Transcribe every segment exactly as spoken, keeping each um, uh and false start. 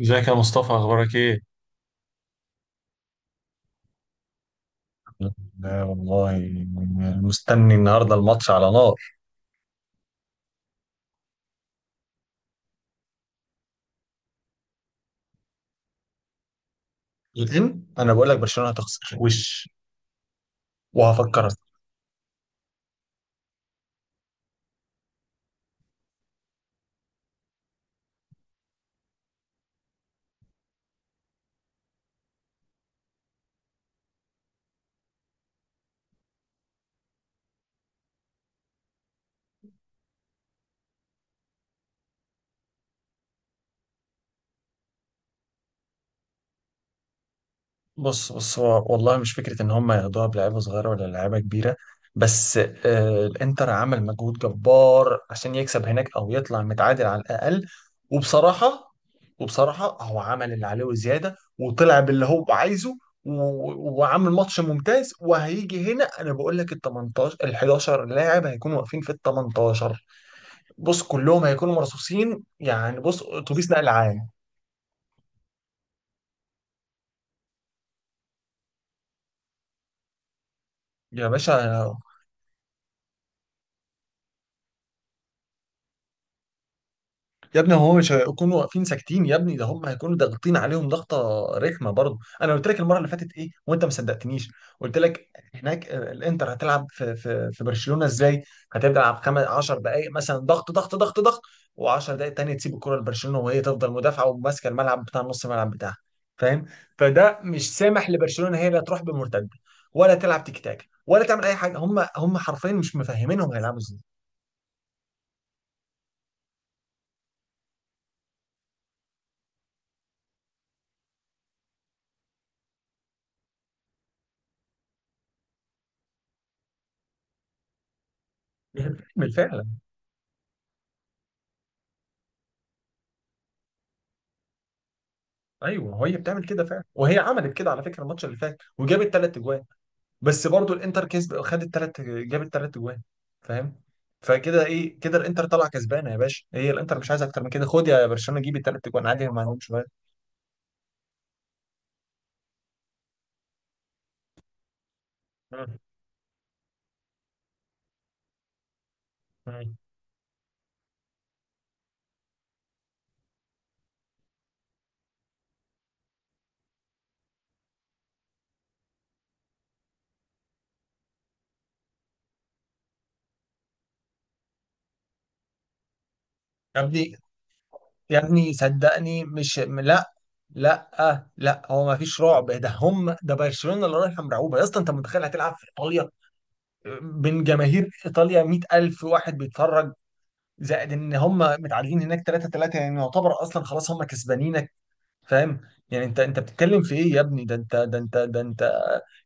ازيك يا مصطفى؟ اخبارك ايه؟ لا والله، مستني النهارده الماتش على نار. لان انا بقول لك برشلونه هتخسر وش وهفكر. بص بص هو والله مش فكرة إن هم ياخدوها بلعيبة صغيرة ولا لعيبة كبيرة، بس آه الإنتر عمل مجهود جبار عشان يكسب هناك أو يطلع متعادل على الأقل. وبصراحة وبصراحة هو عمل اللي عليه وزيادة وطلع باللي هو عايزه، و- وعامل ماتش ممتاز. وهيجي هنا أنا بقول لك ال تمنتاشر، ال حداشر لاعب هيكونوا واقفين في ال تمنتاشر. بص، كلهم هيكونوا مرصوصين. يعني بص، أتوبيس نقل عام. يا باشا، يا ابني هو مش هيكونوا واقفين ساكتين يا ابني، ده هم هيكونوا ضاغطين عليهم ضغطه رخمه. برضه انا قلت لك المره اللي فاتت ايه وانت ما صدقتنيش. قلت لك هناك آه، الانتر هتلعب في في في برشلونه ازاي. هتلعب خمس 10 دقائق مثلا ضغط ضغط ضغط ضغط، و10 دقائق تانية تسيب الكره لبرشلونه وهي تفضل مدافعه وماسكه الملعب، بتاع نص الملعب بتاعها. فاهم؟ فده مش سامح لبرشلونه، هي لا تروح بمرتده ولا تلعب تيك تاك ولا تعمل اي حاجه. هم هم حرفيا مش مفهمينهم هيلعبوا ازاي. بالفعل. ايوه هي بتعمل كده فعلا، وهي عملت كده على فكره الماتش اللي فات وجابت ثلاث اجوان. بس برضو الانتر كسب، خدت ثلاث جابت ثلاث اجوان. فاهم؟ فكده ايه، كده الانتر طالعه كسبانه يا باشا. هي الانتر مش عايزه اكتر من كده. خد يا برشلونه جيب الثلاث اجوان عادي، ما عندهمش مانع. مم. مم. يا ابني، يا ابني صدقني مش م- لا. لا آه، لا هو ما فيش رعب. ده هم، ده برشلونه اللي رايحه مرعوبه يا اسطى. انت متخيل هتلعب في ايطاليا من جماهير ايطاليا؟ مئة ألف واحد بيتفرج، زائد ان هم متعادلين هناك تلاته تلاته، يعني يعتبر اصلا خلاص هم كسبانينك. فاهم؟ يعني انت انت بتتكلم في ايه يا ابني؟ ده انت ده انت ده انت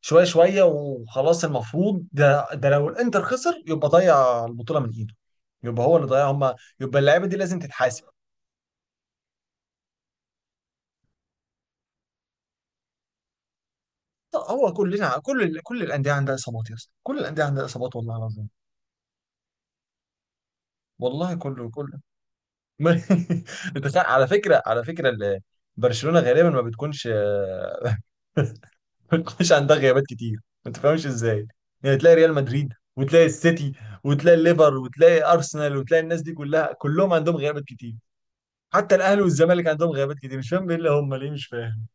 شويه شويه وخلاص. المفروض ده ده لو الانتر خسر يبقى ضيع البطوله من ايده، يبقى هو اللي ضيع هم، يبقى اللعيبه دي لازم تتحاسب. طب هو كلنا، كل ال- كل الانديه عندها اصابات يا اسطى، كل الانديه عندها اصابات والله العظيم. والله كله كله. انت سا- على فكره، على فكره ال- برشلونه غالبا ما بتكونش مش عندها غيابات كتير. ما تفهمش ازاي، يعني تلاقي ريال مدريد وتلاقي السيتي وتلاقي الليفر وتلاقي ارسنال وتلاقي الناس دي كلها، كلهم عندهم غيابات كتير. حتى الاهلي والزمالك عندهم غيابات كتير. مش فاهم ايه اللي هم ليه، مش فاهم.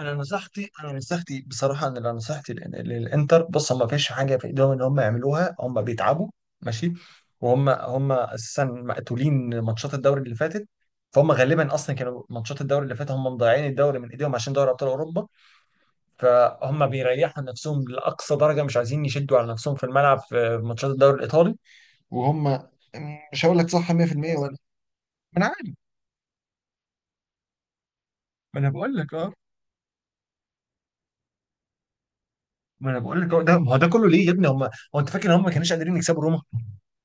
انا نصيحتي انا نصيحتي بصراحه، ان انا نصيحتي لل- للانتر، بص ما فيش حاجه في ايدهم ان هم يعملوها. هم بيتعبوا ماشي، وهم هم اساسا مقتولين ماتشات الدوري اللي فاتت. فهم غالبا اصلا كانوا ماتشات الدوري اللي فاتت هم مضيعين الدوري من ايديهم عشان دوري ابطال اوروبا. فهم بيريحوا نفسهم لأقصى درجة، مش عايزين يشدوا على نفسهم في الملعب في ماتشات الدوري الإيطالي. وهم مش هقول لك صح مية في المية ولا. ما انا عارف، ما انا بقول لك اه. ما انا بقول لك اه، ده ما هو ده كله ليه يا ابني؟ هم، هو انت فاكر ان هم ما كانوش قادرين يكسبوا روما؟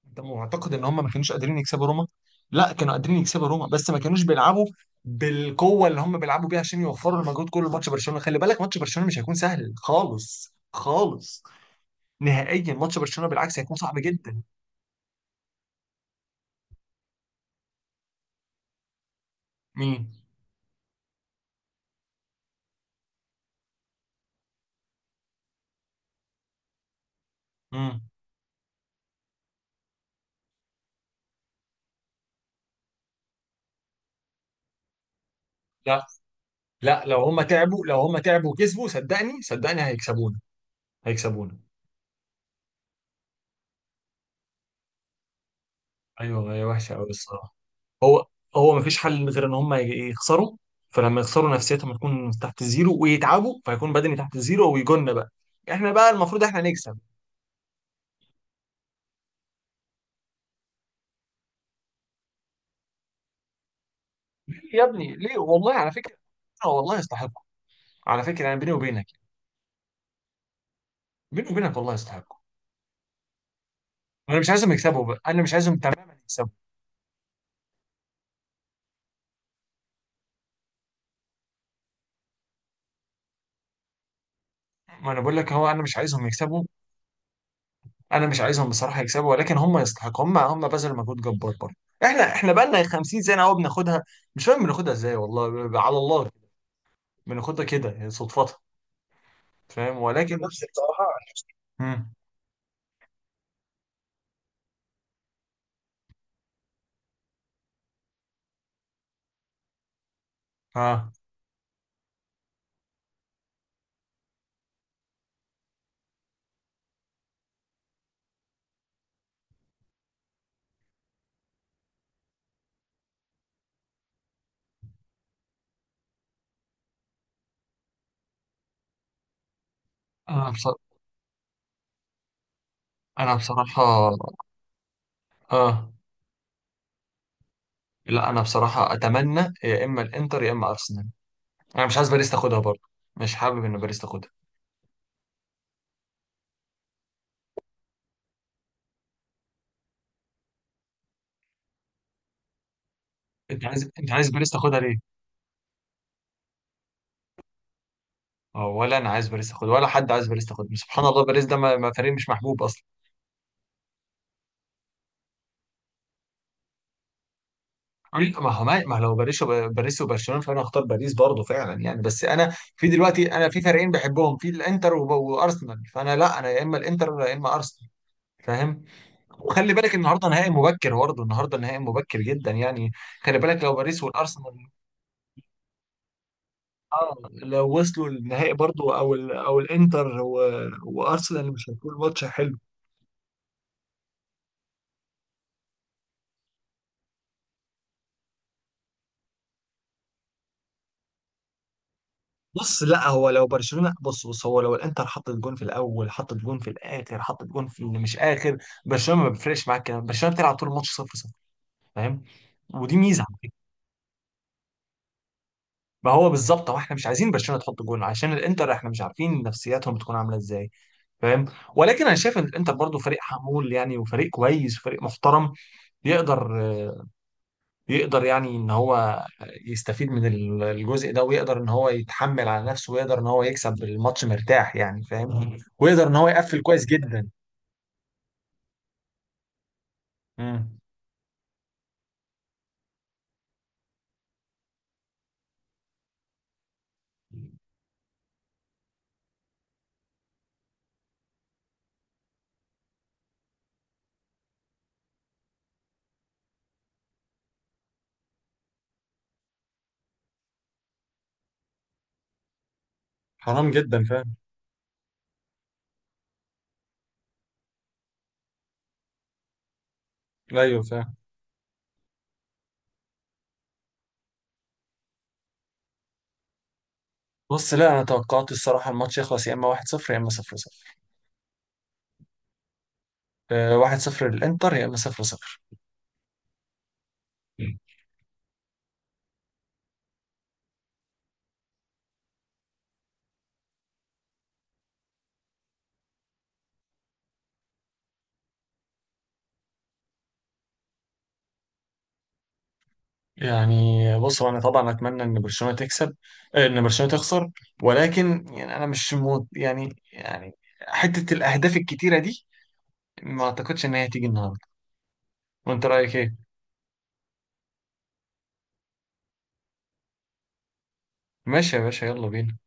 انت معتقد ان هم ما كانوش قادرين يكسبوا روما؟ لا، كانوا قادرين يكسبوا روما بس ما كانوش بيلعبوا بالقوه اللي هم بيلعبوا بيها، عشان يوفروا المجهود كله لماتش برشلونه. خلي بالك، ماتش برشلونه مش هيكون سهل خالص خالص. نهائيا ماتش برشلونه بالعكس هيكون صعب جدا. مين؟ مم. لا، لا لو هم تعبوا، لو هم تعبوا وكسبوا صدقني صدقني هيكسبونا. هيكسبونا. ايوه هي وحشه قوي الصراحه. هو، هو مفيش حل غير ان هم ي- يخسروا. فلما يخسروا نفسيتهم هتكون تحت الزيرو، ويتعبوا فيكون بدني تحت الزيرو، ويجولنا بقى. احنا بقى المفروض احنا نكسب. يا ابني ليه؟ والله على فكره آه والله يستحقوا. على فكره يعني بيني وبينك، بيني وبينك والله يستحقوا. انا مش عايزهم يكسبوا بقى، انا مش عايزهم تماما يكسبوا. ما انا بقول لك، هو انا مش عايزهم يكسبوا، انا مش عايزهم بصراحه يكسبوا، ولكن هم يستحقوا، هم هم بذلوا مجهود جبار برضه. احنا احنا بقى لنا 50 سنه اهو بناخدها. مش فاهم بناخدها ازاي والله، ب- ب- على الله بناخدها كده، يعني صدفتها. فاهم؟ ولكن بس بصراحة. مم. اه انا بصراحه، انا بصراحه اه. لا انا بصراحه اتمنى يا اما الانتر يا اما ارسنال. انا مش عايز باريس تاخدها برضه، مش حابب ان باريس تاخدها. انت عايز، انت عايز باريس تاخدها ليه؟ آه، ولا انا عايز باريس تاخدها ولا حد عايز باريس تاخدها، سبحان الله. باريس ده ما ما فريق مش محبوب اصلا. لا، ما هو ما ما لو باريس وب- باريس وبرشلونه فانا اختار باريس برضه فعلا يعني. بس انا في دلوقتي انا في فريقين بحبهم، في الانتر وب- وارسنال، فانا لا، انا يا اما الانتر يا اما ارسنال. فاهم؟ وخلي بالك النهارده نهائي مبكر برضه، النهارده نهائي مبكر جدا يعني. خلي بالك لو باريس والارسنال، اه لو وصلوا للنهائي برضه، او ال، او الانتر و- وارسنال، مش هيكون ماتش حلو. بص، لا هو لو برشلونة، بص بص هو لو الانتر حطت جون في الاول، حطت جون في الاخر، حطت جون في اللي مش اخر، برشلونة ما بيفرقش معاك كده. برشلونة بتلعب طول الماتش صفر صفر. فاهم؟ ودي ميزة على فكرة. ما هو بالظبط، هو احنا مش عايزين برشلونة تحط جون عشان الانتر، احنا مش عارفين نفسياتهم بتكون عاملة ازاي. فاهم؟ ولكن انا شايف ان الانتر برضو فريق حمول يعني، وفريق كويس وفريق محترم. يقدر، يقدر يعني ان هو يستفيد من ال- الجزء ده، ويقدر ان هو يتحمل على نفسه، ويقدر ان هو يكسب الماتش مرتاح يعني، فاهم؟ ويقدر ان هو يقفل كويس جدا. مم. حرام جدا فاهم. ايوه فاهم. بص، لا انا توقعت الصراحه الماتش يخلص يا اما واحد صفر يا اما صفر صفر. آه، واحد صفر للانتر يا اما صفر صفر يعني. بص، هو انا طبعا اتمنى ان برشلونه تكسب، آه، ان برشلونه تخسر. ولكن يعني انا مش مو يعني يعني حته الاهداف الكتيره دي ما اعتقدش ان هي هتيجي النهارده. وانت رايك ايه؟ ماشي يا باشا، يلا بينا.